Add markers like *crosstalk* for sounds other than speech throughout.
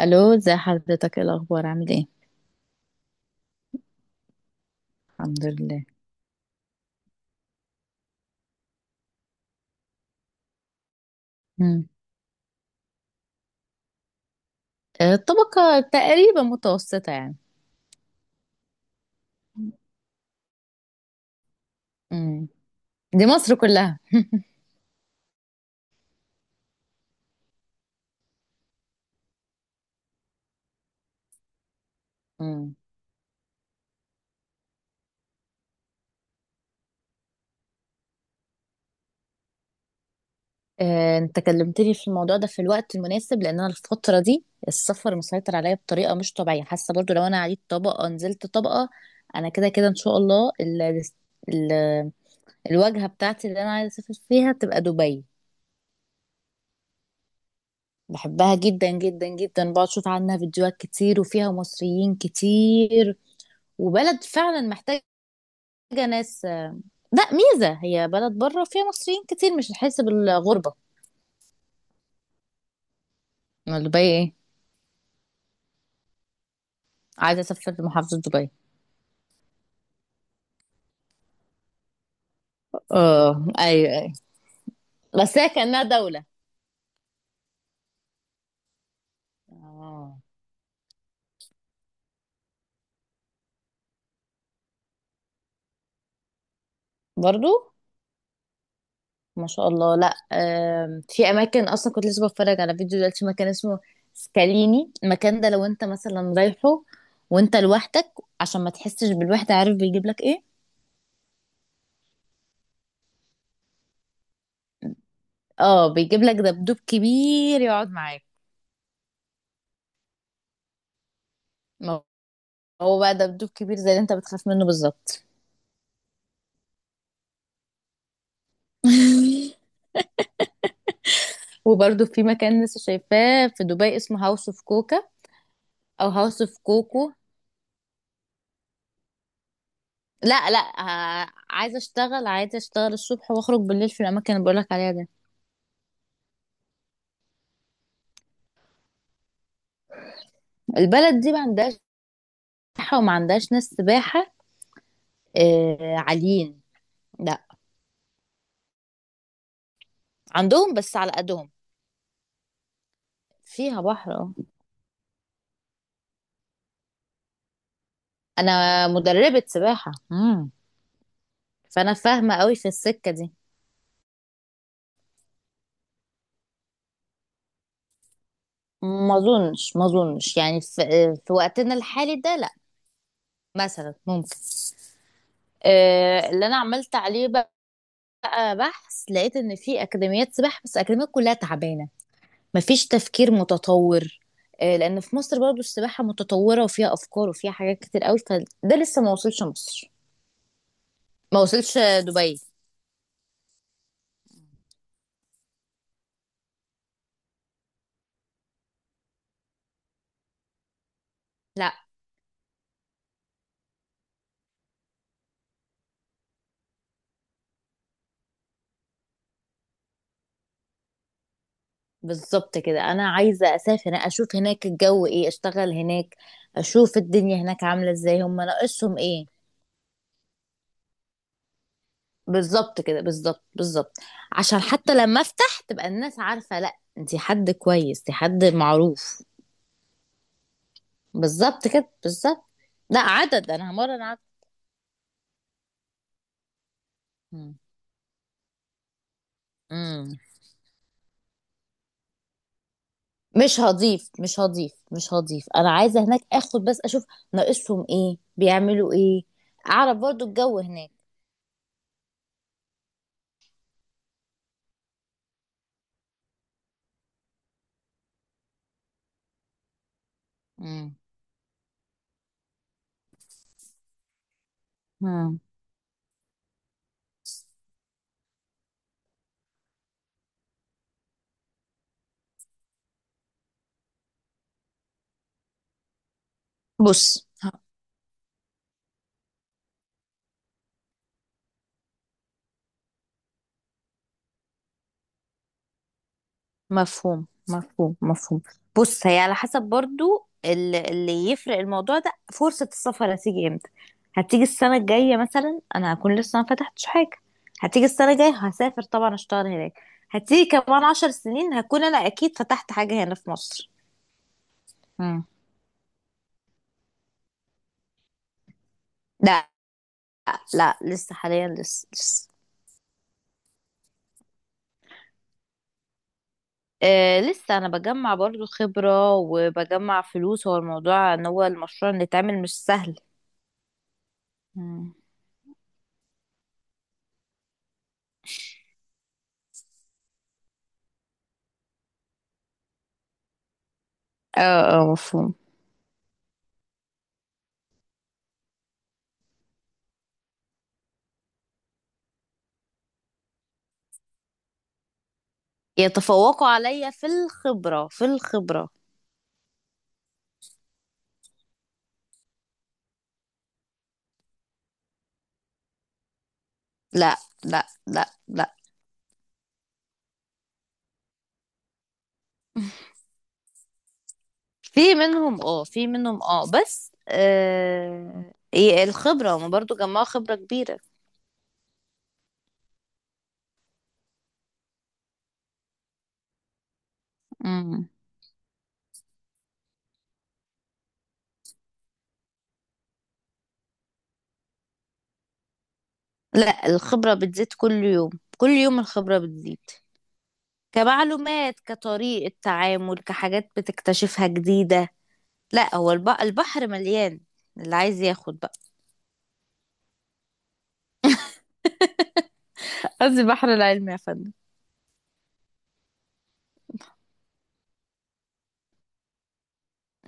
الو، ازي حضرتك؟ ايه الاخبار؟ عامل ايه؟ الحمد لله. مم. الطبقه تقريبا متوسطه يعني. مم. دي مصر كلها. مم. انت كلمتني في الموضوع ده في الوقت المناسب، لان انا الفتره دي السفر مسيطر عليا بطريقه مش طبيعيه. حاسه برضو لو انا عليت طبقه نزلت طبقه. انا كده كده ان شاء الله ال... الواجهه بتاعتي اللي انا عايزه اسافر فيها تبقى دبي. بحبها جدا جدا جدا، بقعد اشوف عنها فيديوهات كتير وفيها مصريين كتير، وبلد فعلا محتاجه حاجة ناس. لا، ميزة. هي بلد بره فيها مصريين كتير، مش هتحس بالغربة. أمال دبي ايه؟ عايزة اسافر لمحافظة دبي. اه، ايوه ايوه، بس هي كأنها دولة. اه. برضو. ما شاء الله. لا، في اماكن، اصلا كنت لسه بتفرج على فيديو دلوقتي، مكان اسمه سكاليني. المكان ده لو انت مثلا رايحه وانت لوحدك، عشان ما تحسش بالوحدة، عارف بيجيب لك ايه؟ اه، بيجيب لك دبدوب كبير يقعد معاك. ما هو بقى دبدوب كبير زي اللي انت بتخاف منه بالظبط. *laughs* وبرضه في مكان لسه شايفاه في دبي اسمه هاوس اوف كوكا، او هاوس اوف كوكو. لا لا، عايزه اشتغل، عايزه اشتغل الصبح واخرج بالليل في الاماكن اللي بقولك عليها دي. البلد دي ما عندهاش سباحه، وما عندهاش ناس سباحه عاليين. لا، عندهم بس على قدهم. فيها بحر، اه. انا مدربه سباحه. مم. فانا فاهمه قوي في السكه دي. ما اظنش، يعني في وقتنا الحالي ده لا، مثلا ممكن. اللي انا عملت عليه بقى بحث، لقيت ان في اكاديميات سباحه، بس الاكاديميات كلها تعبانه، مفيش تفكير متطور. لان في مصر برضو السباحه متطوره وفيها افكار وفيها حاجات كتير قوي، فده لسه ما وصلش مصر. ما وصلش دبي. لا. بالظبط كده، انا عايزه اسافر، اشوف هناك الجو ايه، اشتغل هناك، اشوف الدنيا هناك عامله ازاي، هم ناقصهم ايه. بالظبط كده، بالظبط بالظبط. عشان حتى لما افتح تبقى الناس عارفه، لا انتي حد كويس، انتي حد معروف. بالظبط كده، بالظبط. لا عدد، انا همرن عدد. مم. مم. مش هضيف، مش هضيف، مش هضيف. انا عايزه هناك اخد بس، اشوف ناقصهم ايه، بيعملوا ايه. اعرف برضو الجو هناك. مم. مم. بص. مفهوم مفهوم مفهوم. بص، هي على حسب برضو اللي يفرق الموضوع ده، فرصة السفر هتيجي امتى. هتيجي السنة الجاية مثلا، انا هكون لسه ما فتحتش حاجة. هتيجي السنة الجاية، هسافر طبعا اشتغل هناك. هتيجي كمان 10 سنين، هكون انا اكيد فتحت حاجة هنا في مصر. مم. لا لا، لسه حاليا، لسه لسه. آه، لسه انا بجمع برضو خبرة، وبجمع فلوس. هو الموضوع ان هو المشروع اللي اتعمل مش سهل. مم. اه. اه مفهوم. يتفوقوا عليا في الخبرة، في الخبرة. لا لا. لا لا. في منهم اه، في منهم اه، بس إيه الخبرة، ما برضو جمعوا خبرة كبيرة. مم. لا، الخبرة بتزيد كل يوم، كل يوم الخبرة بتزيد. كمعلومات، كطريقة تعامل، كحاجات بتكتشفها جديدة. لا، هو البحر مليان، اللي عايز ياخد بقى. قصدي بحر العلم، يا فندم.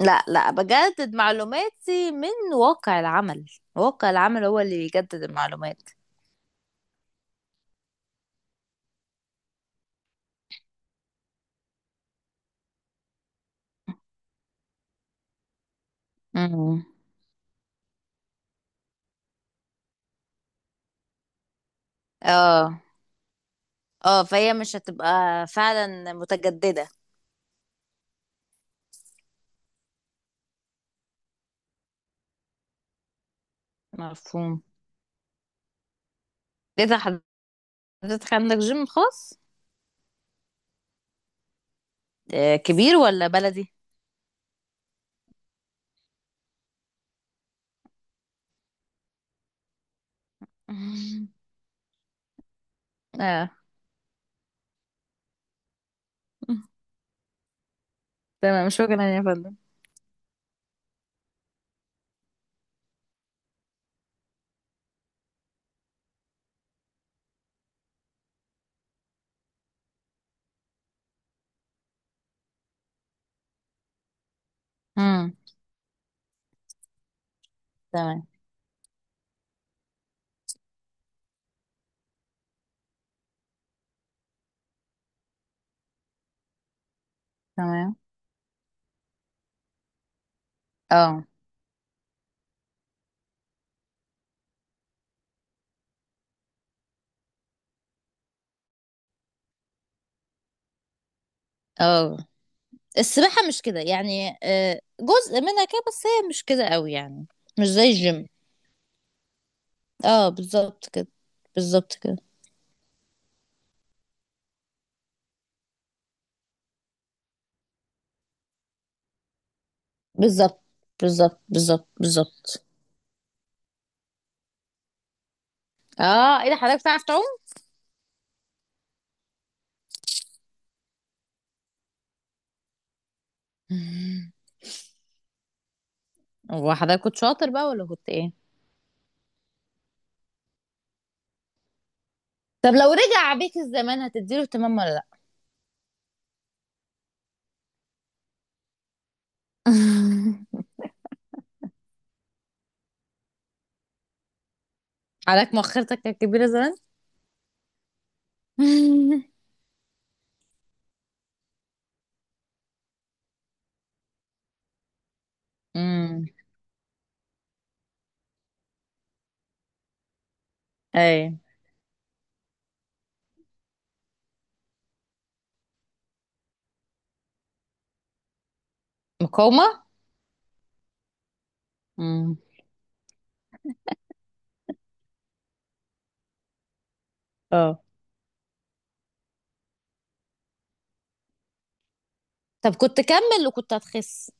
لا لا، بجدد معلوماتي من واقع العمل. واقع العمل هو اللي بيجدد المعلومات. امم. اه. اه، فهي مش هتبقى فعلا متجددة. مفهوم. ايه ده، حضرتك عندك جيم خاص؟ آه، كبير ولا بلدي؟ *laughs* مم. اه. مم. تمام، مش فاكرة يعني يا فندم. امم. تمام. تمام. اه. اه. السباحة مش كده يعني، جزء منها كده، بس هي مش كده قوي يعني. مش زي الجيم. اه بالظبط كده. بالظبط كده. بالظبط بالظبط بالظبط بالظبط. اه، ايه ده، حضرتك بتعرف تعوم؟ مم. هو حضرتك كنت شاطر بقى ولا كنت ايه؟ طب لو رجع بيك الزمان، هتديله اهتمام ولا لا؟ *laughs* حضرتك مؤخرتك كانت كبيره زمان؟ *laughs* امم. اي. مقاومه. امم. اه. طب كنت كمل وكنت هتخس؟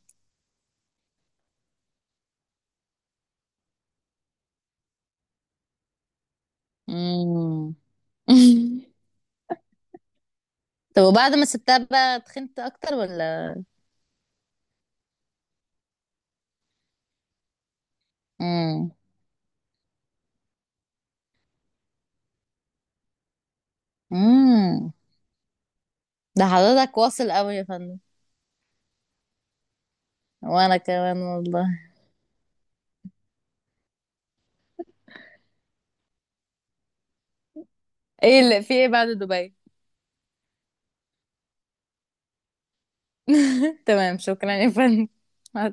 امم. *laughs* طب وبعد ما سبتها بقى، تخنت اكتر ولا؟ امم. امم. ده حضرتك واصل قوي يا فندم. وانا كمان والله. ايه اللي في ايه بعد دبي؟ *laughs* تمام، شكرا يا فندم. مع